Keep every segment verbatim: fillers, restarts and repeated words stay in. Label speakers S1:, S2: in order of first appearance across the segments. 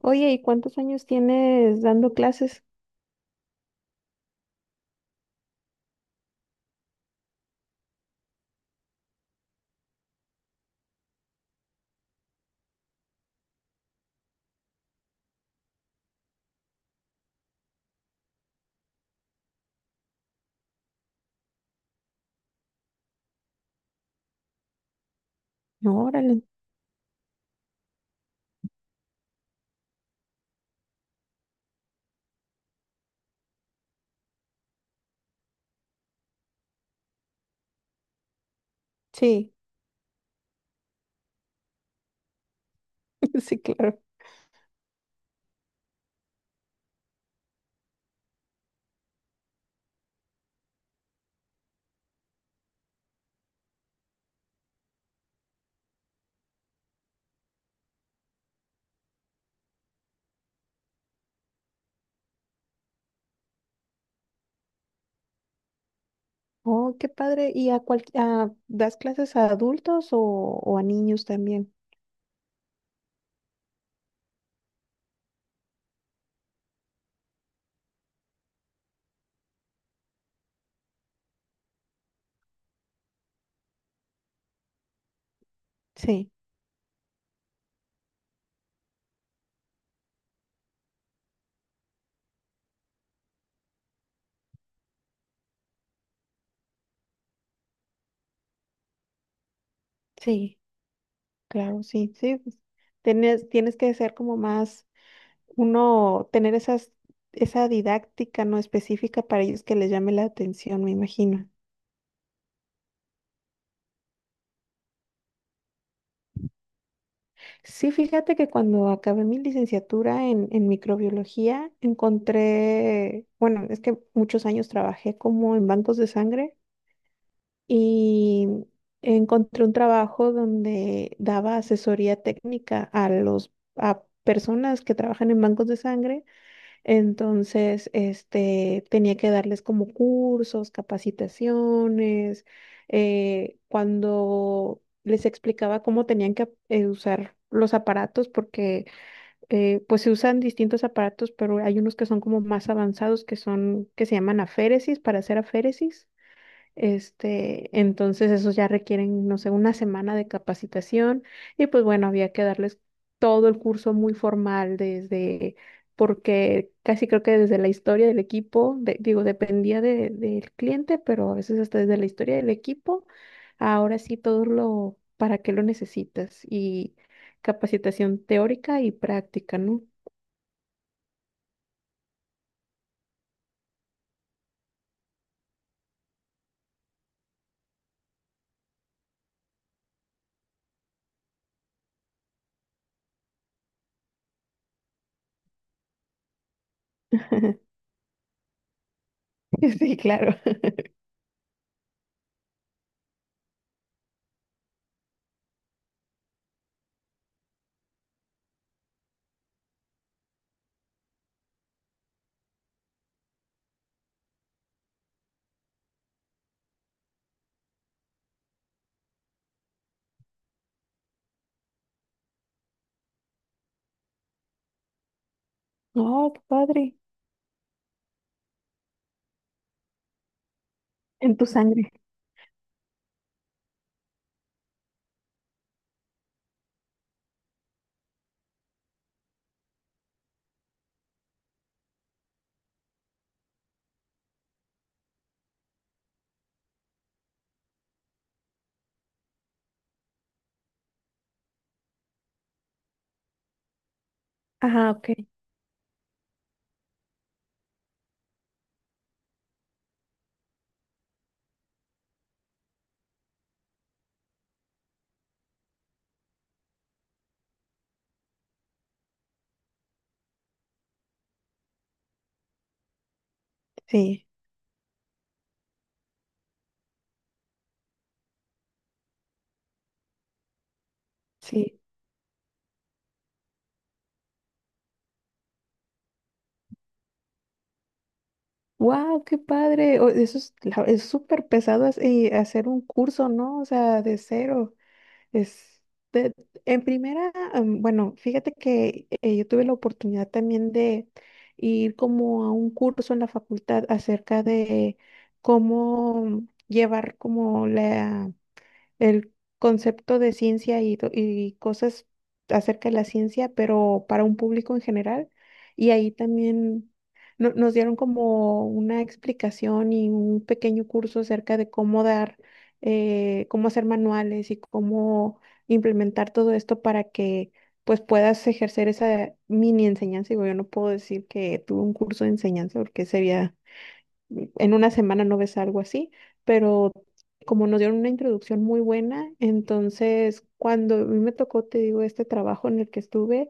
S1: Oye, ¿y cuántos años tienes dando clases? No, órale. Sí. Sí, claro. Oh, qué padre. ¿Y a cual, a- das clases a adultos o, o a niños también? Sí. Sí, claro, sí, sí, pues, tienes, tienes que ser como más, uno, tener esas, esa didáctica no específica para ellos que les llame la atención, me imagino. Sí, fíjate que cuando acabé mi licenciatura en, en microbiología, encontré, bueno, es que muchos años trabajé como en bancos de sangre y encontré un trabajo donde daba asesoría técnica a los, a personas que trabajan en bancos de sangre. Entonces, este, tenía que darles como cursos, capacitaciones, eh, cuando les explicaba cómo tenían que eh, usar los aparatos, porque eh, pues se usan distintos aparatos, pero hay unos que son como más avanzados, que son, que se llaman aféresis, para hacer aféresis. Este, entonces esos ya requieren, no sé, una semana de capacitación y pues bueno, había que darles todo el curso muy formal desde, porque casi creo que desde la historia del equipo, de- digo, dependía de- del cliente, pero a veces hasta desde la historia del equipo, ahora sí todo lo, para qué lo necesitas y capacitación teórica y práctica, ¿no? Sí, claro. Oh, qué padre. En tu sangre. Ajá, ok. Sí, sí. ¡Wow! ¡Qué padre! O- Eso es, la- es súper pesado hac- eh, hacer un curso, ¿no? O sea, de cero. Es de- en primera, am, bueno, fíjate que eh, yo tuve la oportunidad también de ir como a un curso en la facultad acerca de cómo llevar como la, el concepto de ciencia y, do- y cosas acerca de la ciencia, pero para un público en general. Y ahí también no- nos dieron como una explicación y un pequeño curso acerca de cómo dar, eh, cómo hacer manuales y cómo implementar todo esto para que pues puedas ejercer esa mini enseñanza. Digo, yo no puedo decir que tuve un curso de enseñanza porque sería, en una semana no ves algo así, pero como nos dieron una introducción muy buena, entonces cuando a mí me tocó, te digo, este trabajo en el que estuve,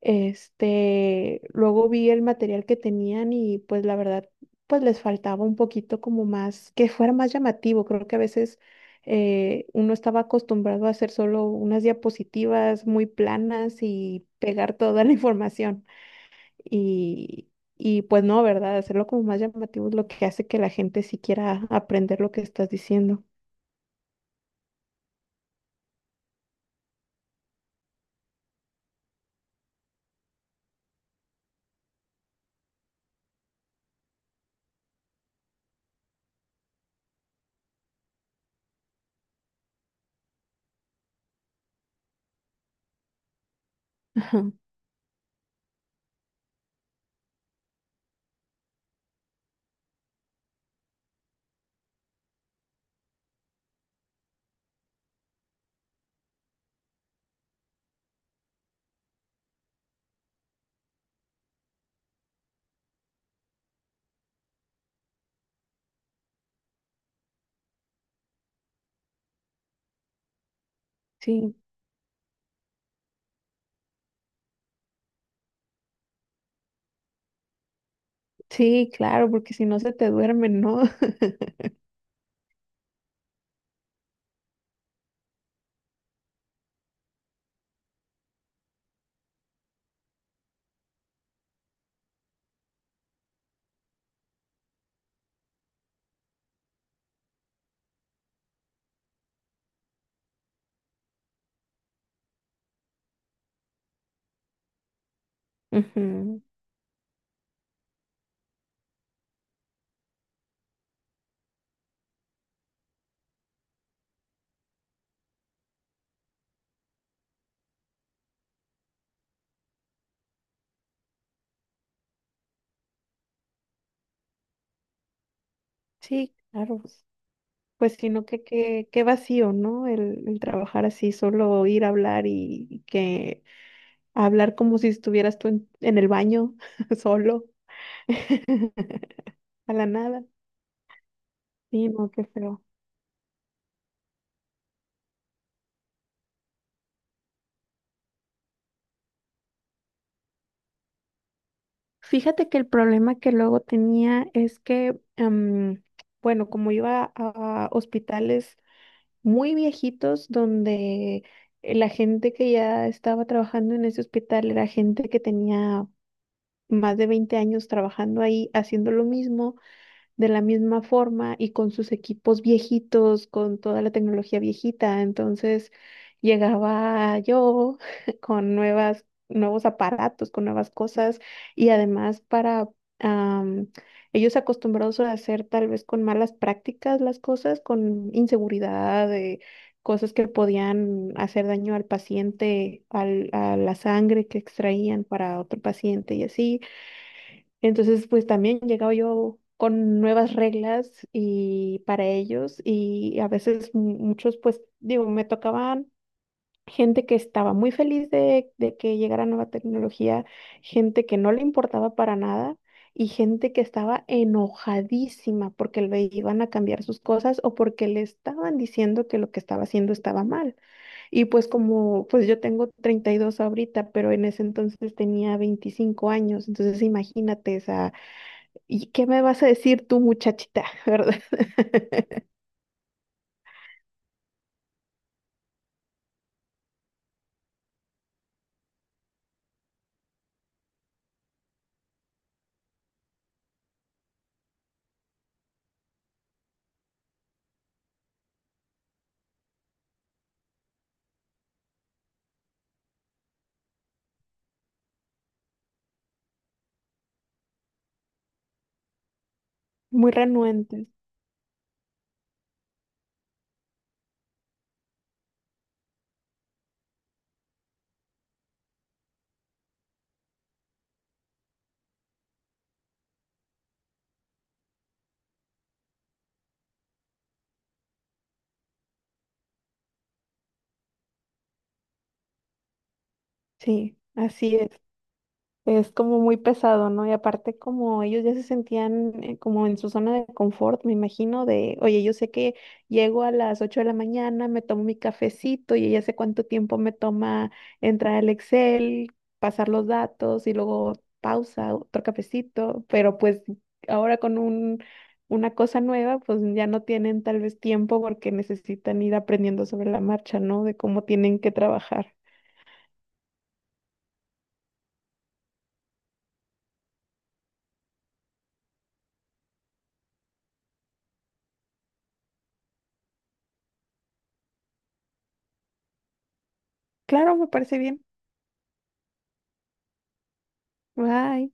S1: este, luego vi el material que tenían y pues la verdad, pues les faltaba un poquito como más, que fuera más llamativo, creo que a veces eh, uno estaba acostumbrado a hacer solo unas diapositivas muy planas y pegar toda la información, y, y pues no, ¿verdad? Hacerlo como más llamativo es lo que hace que la gente sí quiera aprender lo que estás diciendo. Ajá. Sí, sí, claro, porque si no se te duermen, ¿no? Ujú. Sí, claro. Pues sino que qué qué vacío, ¿no? El, el trabajar así, solo ir a hablar y, y que hablar como si estuvieras tú en, en el baño, solo, a la nada. Sí, no, qué feo. Fíjate que el problema que luego tenía es que, em, bueno, como iba a hospitales muy viejitos donde la gente que ya estaba trabajando en ese hospital era gente que tenía más de veinte años trabajando ahí haciendo lo mismo de la misma forma y con sus equipos viejitos, con toda la tecnología viejita. Entonces llegaba yo con nuevas, nuevos aparatos, con nuevas cosas y además para am, ellos acostumbrados a hacer tal vez con malas prácticas las cosas, con inseguridad, de cosas que podían hacer daño al paciente, al, a la sangre que extraían para otro paciente y así. Entonces, pues también llegaba yo con nuevas reglas y para ellos y a veces mu- muchos, pues digo, me tocaban gente que estaba muy feliz de, de que llegara nueva tecnología, gente que no le importaba para nada y gente que estaba enojadísima porque le iban a cambiar sus cosas o porque le estaban diciendo que lo que estaba haciendo estaba mal. Y pues como, pues yo tengo treinta y dos ahorita, pero en ese entonces tenía veinticinco años, entonces imagínate esa. ¿Y qué me vas a decir tú, muchachita? ¿Verdad? Muy renuentes. Sí, así es. Es como muy pesado, ¿no? Y aparte como ellos ya se sentían eh, como en su zona de confort, me imagino, de, oye, yo sé que llego a las ocho de la mañana, me tomo mi cafecito y ya sé cuánto tiempo me toma entrar al Excel, pasar los datos y luego pausa, otro cafecito, pero pues ahora con un, una cosa nueva, pues ya no tienen tal vez tiempo porque necesitan ir aprendiendo sobre la marcha, ¿no? De cómo tienen que trabajar. Claro, me parece bien. Bye.